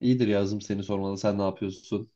İyidir, yazdım seni sormalı. Sen ne yapıyorsun?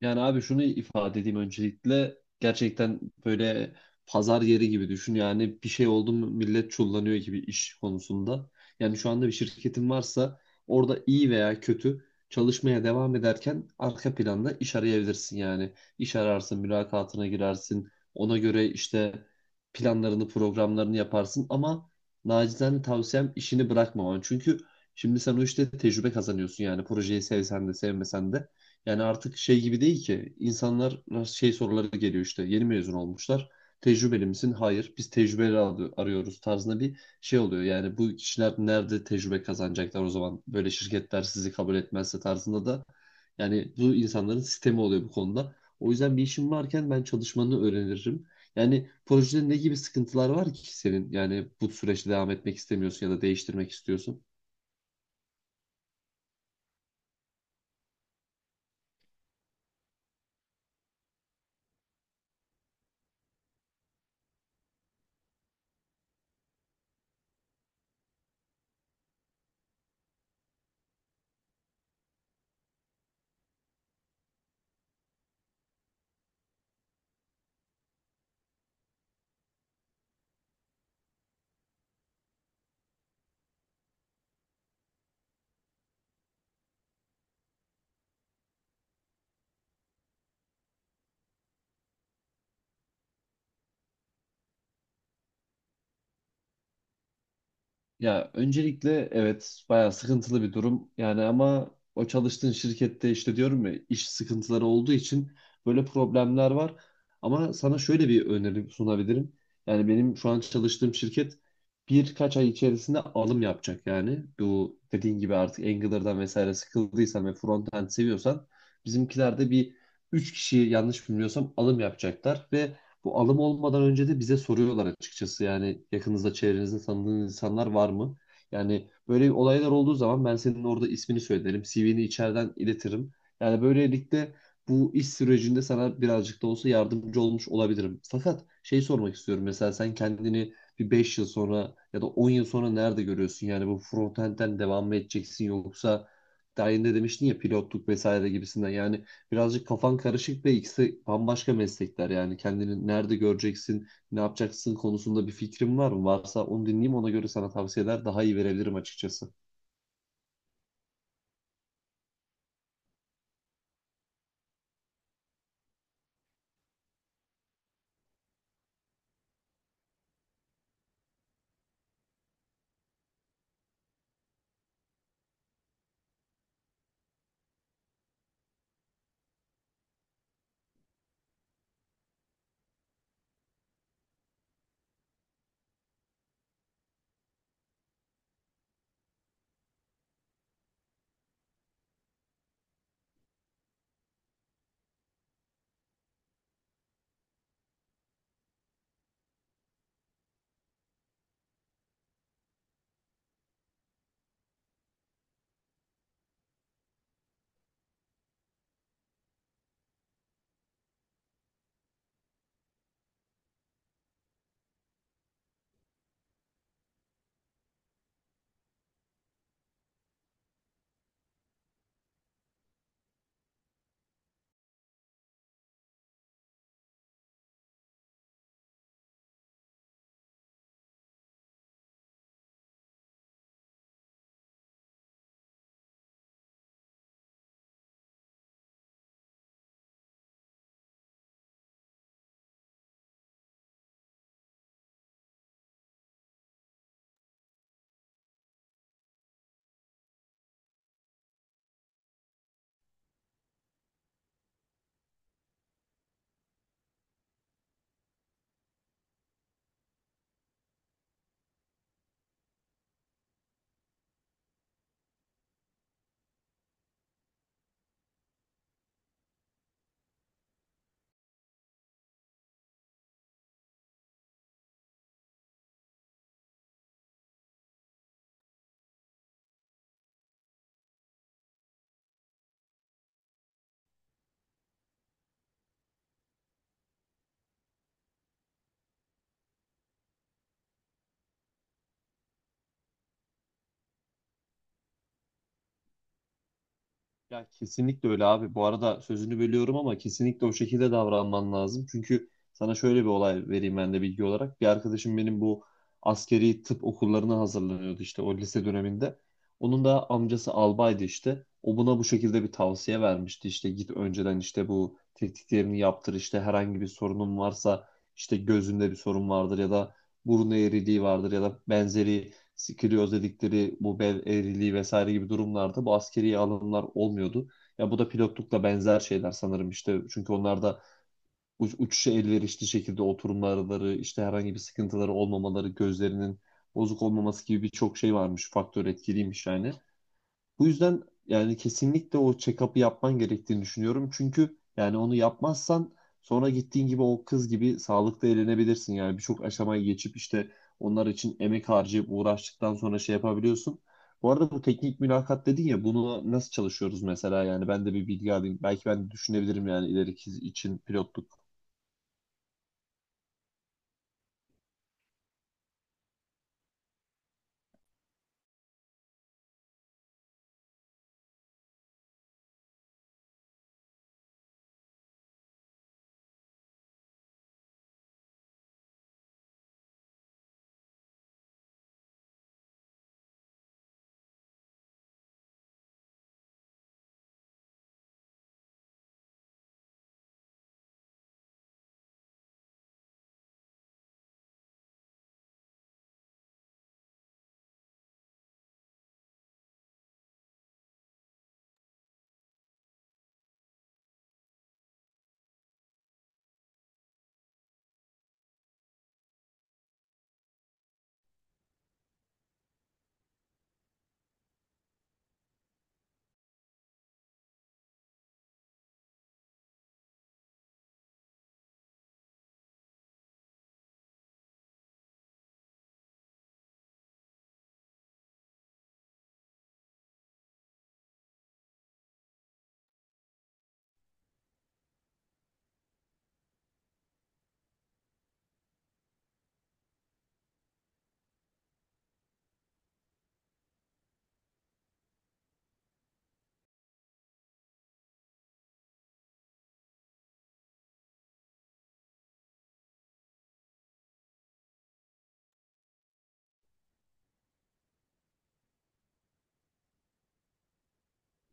Yani abi şunu ifade edeyim öncelikle, gerçekten böyle pazar yeri gibi düşün yani, bir şey oldu mu millet çullanıyor gibi iş konusunda. Yani şu anda bir şirketin varsa, orada iyi veya kötü çalışmaya devam ederken arka planda iş arayabilirsin yani. İş ararsın, mülakatına girersin, ona göre işte planlarını, programlarını yaparsın ama nacizane tavsiyem işini bırakmaman. Çünkü şimdi sen o işte tecrübe kazanıyorsun yani, projeyi sevsen de sevmesen de. Yani artık şey gibi değil ki, insanlar şey soruları geliyor işte, yeni mezun olmuşlar. Tecrübeli misin? Hayır. Biz tecrübeli arıyoruz tarzında bir şey oluyor. Yani bu kişiler nerede tecrübe kazanacaklar o zaman? Böyle şirketler sizi kabul etmezse tarzında da yani, bu insanların sistemi oluyor bu konuda. O yüzden bir işin varken ben çalışmanı öğrenirim. Yani projede ne gibi sıkıntılar var ki senin? Yani bu süreçte devam etmek istemiyorsun ya da değiştirmek istiyorsun. Ya öncelikle evet, bayağı sıkıntılı bir durum. Yani ama o çalıştığın şirkette işte, diyorum ya, iş sıkıntıları olduğu için böyle problemler var. Ama sana şöyle bir öneri sunabilirim. Yani benim şu an çalıştığım şirket birkaç ay içerisinde alım yapacak yani. Bu dediğin gibi artık Angular'dan vesaire sıkıldıysan ve frontend seviyorsan, bizimkiler de bir 3 kişi, yanlış bilmiyorsam, alım yapacaklar ve bu alım olmadan önce de bize soruyorlar açıkçası. Yani yakınızda çevrenizde tanıdığınız insanlar var mı? Yani böyle olaylar olduğu zaman ben senin orada ismini söylerim, CV'ni içeriden iletirim. Yani böylelikle bu iş sürecinde sana birazcık da olsa yardımcı olmuş olabilirim. Fakat şey sormak istiyorum. Mesela sen kendini bir 5 yıl sonra ya da 10 yıl sonra nerede görüyorsun? Yani bu frontend'den devam mı edeceksin, yoksa daha yeni de demiştin ya pilotluk vesaire gibisinden. Yani birazcık kafan karışık ve ikisi bambaşka meslekler. Yani kendini nerede göreceksin, ne yapacaksın konusunda bir fikrin var mı? Varsa onu dinleyeyim, ona göre sana tavsiyeler daha iyi verebilirim açıkçası. Ya kesinlikle öyle abi. Bu arada sözünü bölüyorum ama kesinlikle o şekilde davranman lazım. Çünkü sana şöyle bir olay vereyim ben de bilgi olarak. Bir arkadaşım benim bu askeri tıp okullarına hazırlanıyordu işte, o lise döneminde. Onun da amcası albaydı işte. O buna bu şekilde bir tavsiye vermişti. İşte git önceden işte bu tetkiklerini yaptır. İşte herhangi bir sorunun varsa, işte gözünde bir sorun vardır ya da burun eğriliği vardır ya da benzeri sikiliyoz dedikleri bu bel eğriliği vesaire gibi durumlarda bu askeri alımlar olmuyordu. Ya bu da pilotlukla benzer şeyler sanırım işte, çünkü onlarda uçuşa elverişli şekilde oturumları, işte herhangi bir sıkıntıları olmamaları, gözlerinin bozuk olmaması gibi birçok şey varmış, faktör etkiliymiş yani. Bu yüzden yani kesinlikle o check-up'ı yapman gerektiğini düşünüyorum. Çünkü yani onu yapmazsan sonra, gittiğin gibi o kız gibi, sağlıkta eğlenebilirsin. Yani birçok aşamayı geçip işte onlar için emek harcayıp uğraştıktan sonra şey yapabiliyorsun. Bu arada bu teknik mülakat dedin ya, bunu nasıl çalışıyoruz mesela, yani ben de bir bilgi alayım. Belki ben de düşünebilirim yani ileriki için pilotluk.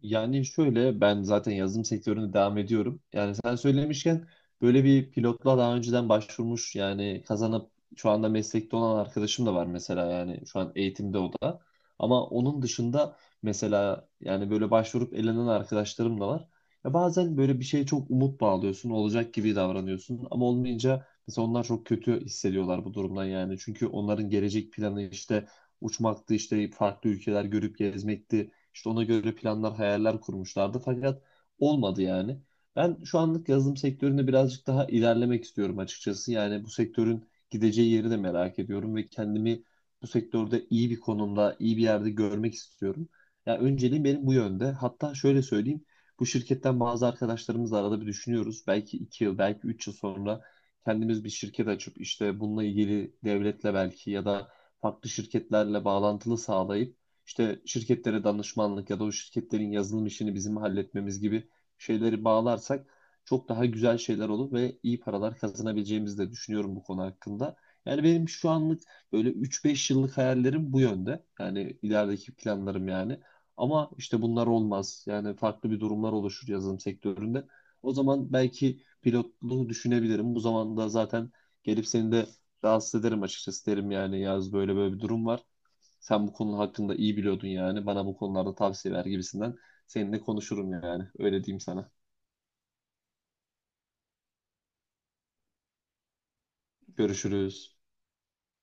Yani şöyle, ben zaten yazılım sektöründe devam ediyorum. Yani sen söylemişken, böyle bir pilotla daha önceden başvurmuş, yani kazanıp şu anda meslekte olan arkadaşım da var mesela, yani şu an eğitimde o da. Ama onun dışında mesela, yani böyle başvurup elenen arkadaşlarım da var. Ya bazen böyle bir şeye çok umut bağlıyorsun, olacak gibi davranıyorsun ama olmayınca mesela onlar çok kötü hissediyorlar bu durumdan yani. Çünkü onların gelecek planı işte uçmaktı, işte farklı ülkeler görüp gezmekti. İşte ona göre planlar, hayaller kurmuşlardı. Fakat olmadı yani. Ben şu anlık yazılım sektöründe birazcık daha ilerlemek istiyorum açıkçası. Yani bu sektörün gideceği yeri de merak ediyorum ve kendimi bu sektörde iyi bir konumda, iyi bir yerde görmek istiyorum. Ya önceliğim benim bu yönde. Hatta şöyle söyleyeyim. Bu şirketten bazı arkadaşlarımızla arada bir düşünüyoruz. Belki 2 yıl, belki 3 yıl sonra kendimiz bir şirket açıp işte bununla ilgili devletle belki ya da farklı şirketlerle bağlantılı sağlayıp işte şirketlere danışmanlık ya da o şirketlerin yazılım işini bizim halletmemiz gibi şeyleri bağlarsak, çok daha güzel şeyler olur ve iyi paralar kazanabileceğimizi de düşünüyorum bu konu hakkında. Yani benim şu anlık böyle 3-5 yıllık hayallerim bu yönde. Yani ilerideki planlarım yani. Ama işte bunlar olmaz. Yani farklı bir durumlar oluşur yazılım sektöründe. O zaman belki pilotluğu düşünebilirim. Bu zamanda zaten gelip seni de rahatsız ederim açıkçası, derim yani, yaz böyle böyle bir durum var. Sen bu konu hakkında iyi biliyordun yani. Bana bu konularda tavsiye ver gibisinden. Seninle konuşurum yani. Öyle diyeyim sana. Görüşürüz.